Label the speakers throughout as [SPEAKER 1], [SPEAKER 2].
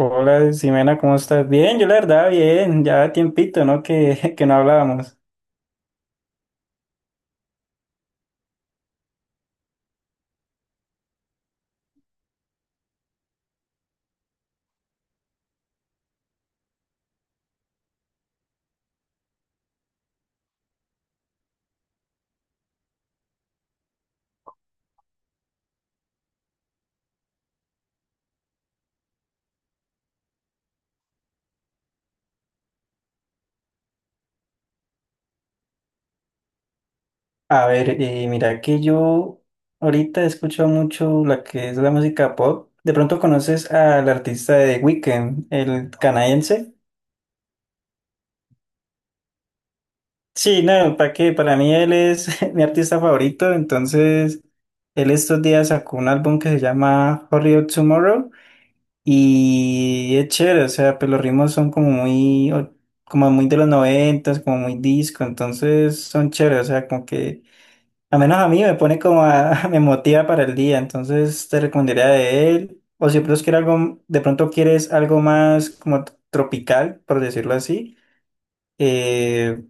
[SPEAKER 1] Hola, Ximena, ¿cómo estás? Bien, yo la verdad, bien, ya tiempito, ¿no? Que no hablábamos. A ver, mira que yo ahorita escucho mucho la que es la música pop. ¿De pronto conoces al artista de Weekend, el canadiense? Sí, no, ¿para qué? Para mí él es mi artista favorito, entonces él estos días sacó un álbum que se llama Hurry Up Tomorrow. Y es chévere, o sea, pues los ritmos son como como muy de los noventas, como muy disco, entonces son chéveres, o sea, como que, al menos a mí me pone me motiva para el día, entonces te recomendaría de él, o si de pronto quieres algo, de pronto quieres algo más como tropical, por decirlo así, eh,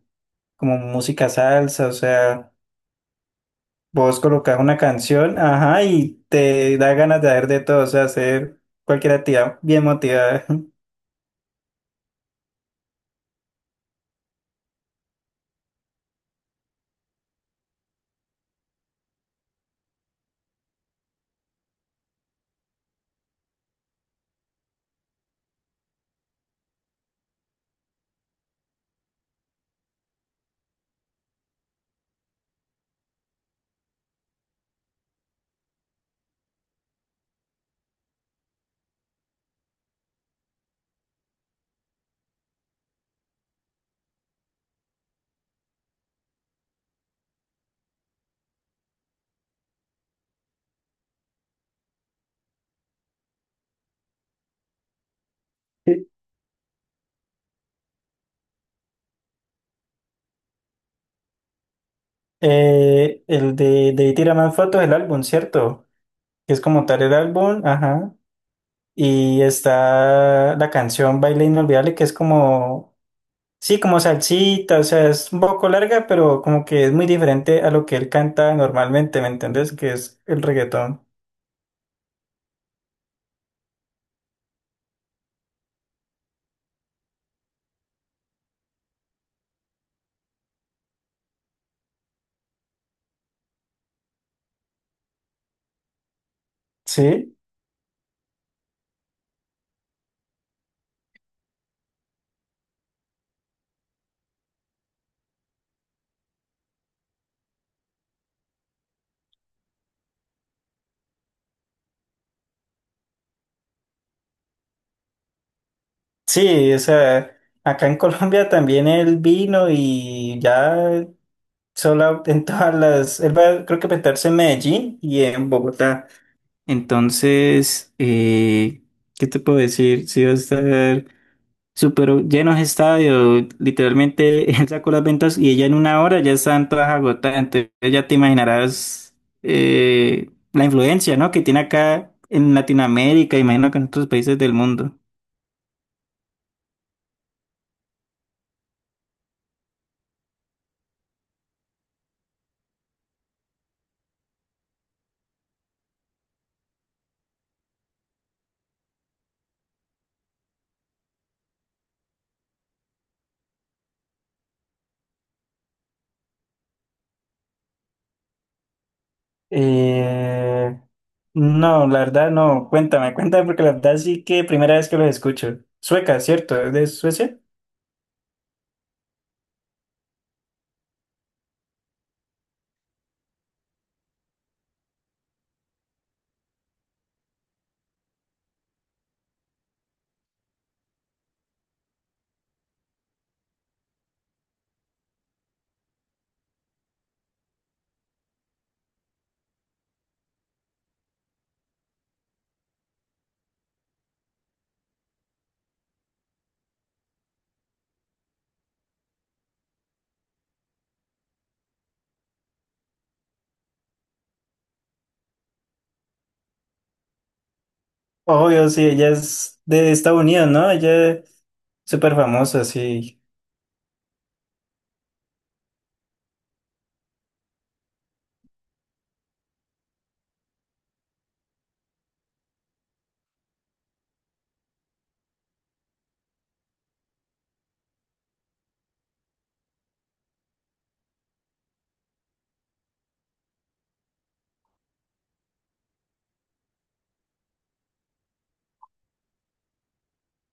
[SPEAKER 1] como música salsa, o sea, vos colocas una canción, ajá, y te da ganas de hacer de todo, o sea, hacer cualquier actividad bien motivada. De ahí tira más fotos del álbum, ¿cierto? Que es como tal el álbum, ajá. Y está la canción Baile Inolvidable, que es como, sí, como salsita, o sea, es un poco larga, pero como que es muy diferente a lo que él canta normalmente, ¿me entendés? Que es el reggaetón. Sí, sí, o sea, acá en Colombia también él vino y ya solo en todas las, él va, creo que a presentarse en Medellín y en Bogotá. Entonces, ¿qué te puedo decir? Sí va a estar súper llenos de estadio. Literalmente, él sacó las ventas y ella en una hora ya están todas agotadas. Entonces, ya te imaginarás la influencia, ¿no? que tiene acá en Latinoamérica, imagino que en otros países del mundo. Eh, no, la verdad no. Cuéntame, cuéntame porque la verdad sí que primera vez que los escucho. Sueca, ¿cierto? ¿Es de Suecia? Obvio, sí, ella es de Estados Unidos, ¿no? Ella es súper famosa, sí.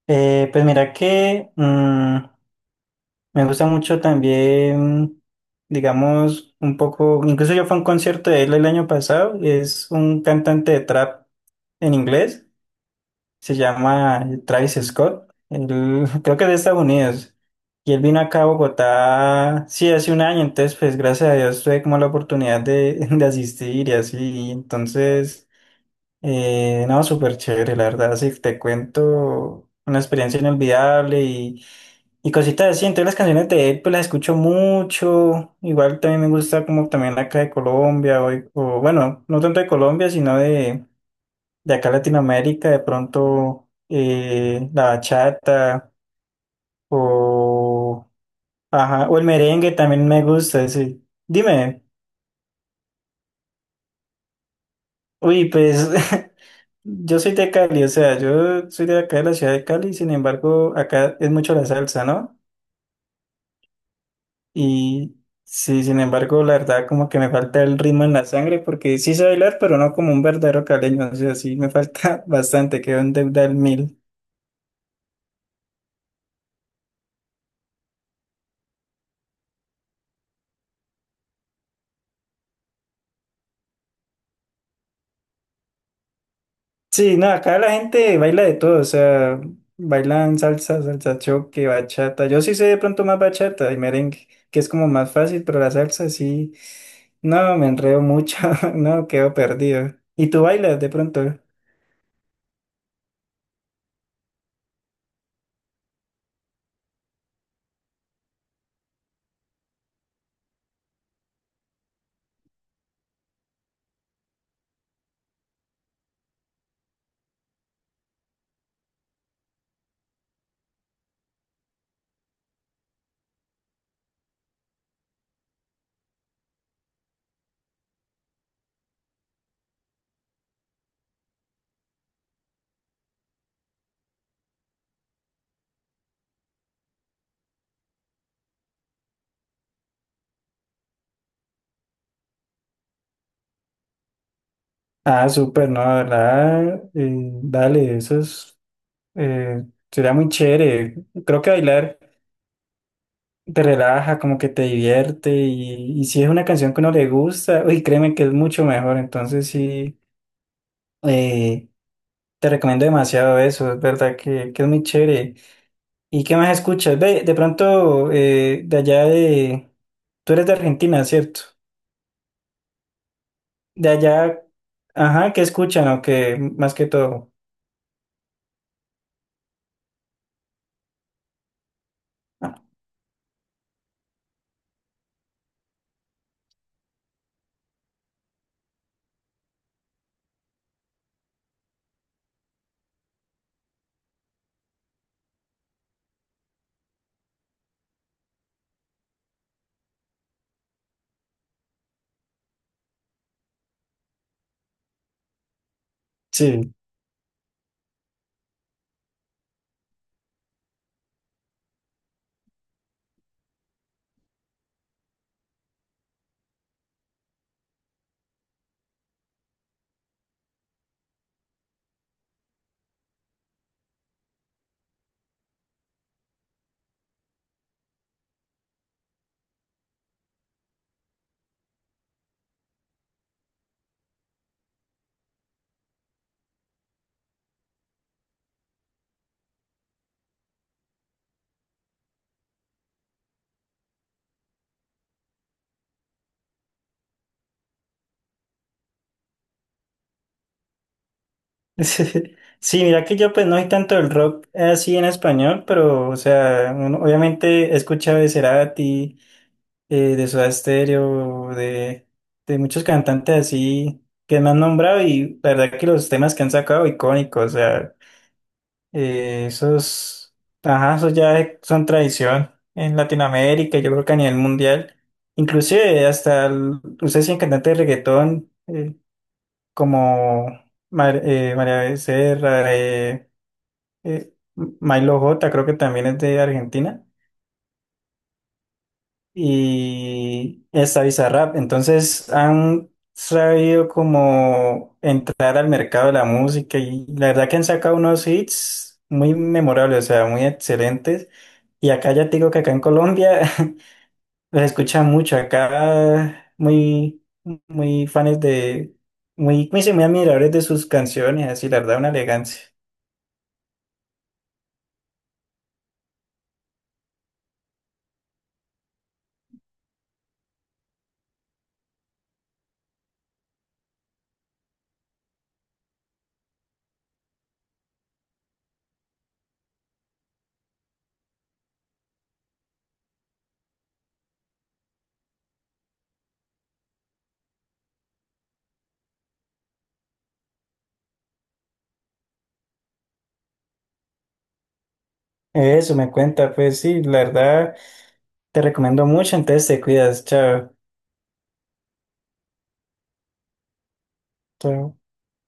[SPEAKER 1] Pues mira que me gusta mucho también, digamos, un poco, incluso yo fui a un concierto de él el año pasado, es un cantante de trap en inglés, se llama Travis Scott, él, creo que es de Estados Unidos, y él vino acá a Bogotá, sí, hace un año, entonces pues gracias a Dios tuve como la oportunidad de, de asistir y así, entonces... no, súper chévere, la verdad, sí, te cuento una experiencia inolvidable y cositas así. Entonces las canciones de él, pues las escucho mucho. Igual también me gusta como también acá de Colombia, bueno, no tanto de Colombia, sino de acá Latinoamérica, de pronto la bachata o, ajá, o el merengue también me gusta, sí. Dime, uy, pues yo soy de Cali, o sea, yo soy de acá de la ciudad de Cali, sin embargo, acá es mucho la salsa, ¿no? Y sí, sin embargo, la verdad, como que me falta el ritmo en la sangre, porque sí sé bailar, pero no como un verdadero caleño, o sea, sí me falta bastante, quedo en deuda al mil. Sí, no, acá la gente baila de todo, o sea, bailan salsa, salsa choque, bachata. Yo sí sé de pronto más bachata y merengue, que es como más fácil, pero la salsa sí, no, me enredo mucho, no, quedo perdido. ¿Y tú bailas de pronto? Ah, súper, no, la verdad, dale, eso es, eh, sería muy chévere. Creo que bailar te relaja, como que te divierte y si es una canción que uno le gusta, uy, créeme que es mucho mejor, entonces sí, eh, te recomiendo demasiado eso, es verdad que es muy chévere. ¿Y qué más escuchas? Ve, de pronto, de allá de, tú eres de Argentina, ¿cierto? De allá, ajá, ¿qué escuchan o qué más que todo? Ah, sí. Sí, mira que yo pues no hay tanto el rock así en español, pero o sea, obviamente he escuchado de Cerati, de Soda Stereo, de muchos cantantes así que me han nombrado y la verdad que los temas que han sacado icónicos, o sea, esos, ajá, esos ya son tradición en Latinoamérica, yo creo que a nivel mundial, inclusive hasta, ustedes tienen cantantes de reggaetón como... María Becerra, eh, Milo J creo que también es de Argentina y esta Bizarrap. Entonces han sabido como entrar al mercado de la música y la verdad que han sacado unos hits muy memorables, o sea, muy excelentes. Y acá ya te digo que acá en Colombia los escuchan mucho, acá muy, muy fans de, muy, muy, sí, muy admiradores de sus canciones, así la verdad una elegancia. Eso me cuenta, pues sí, la verdad. Te recomiendo mucho, entonces te cuidas. Chao. Chao.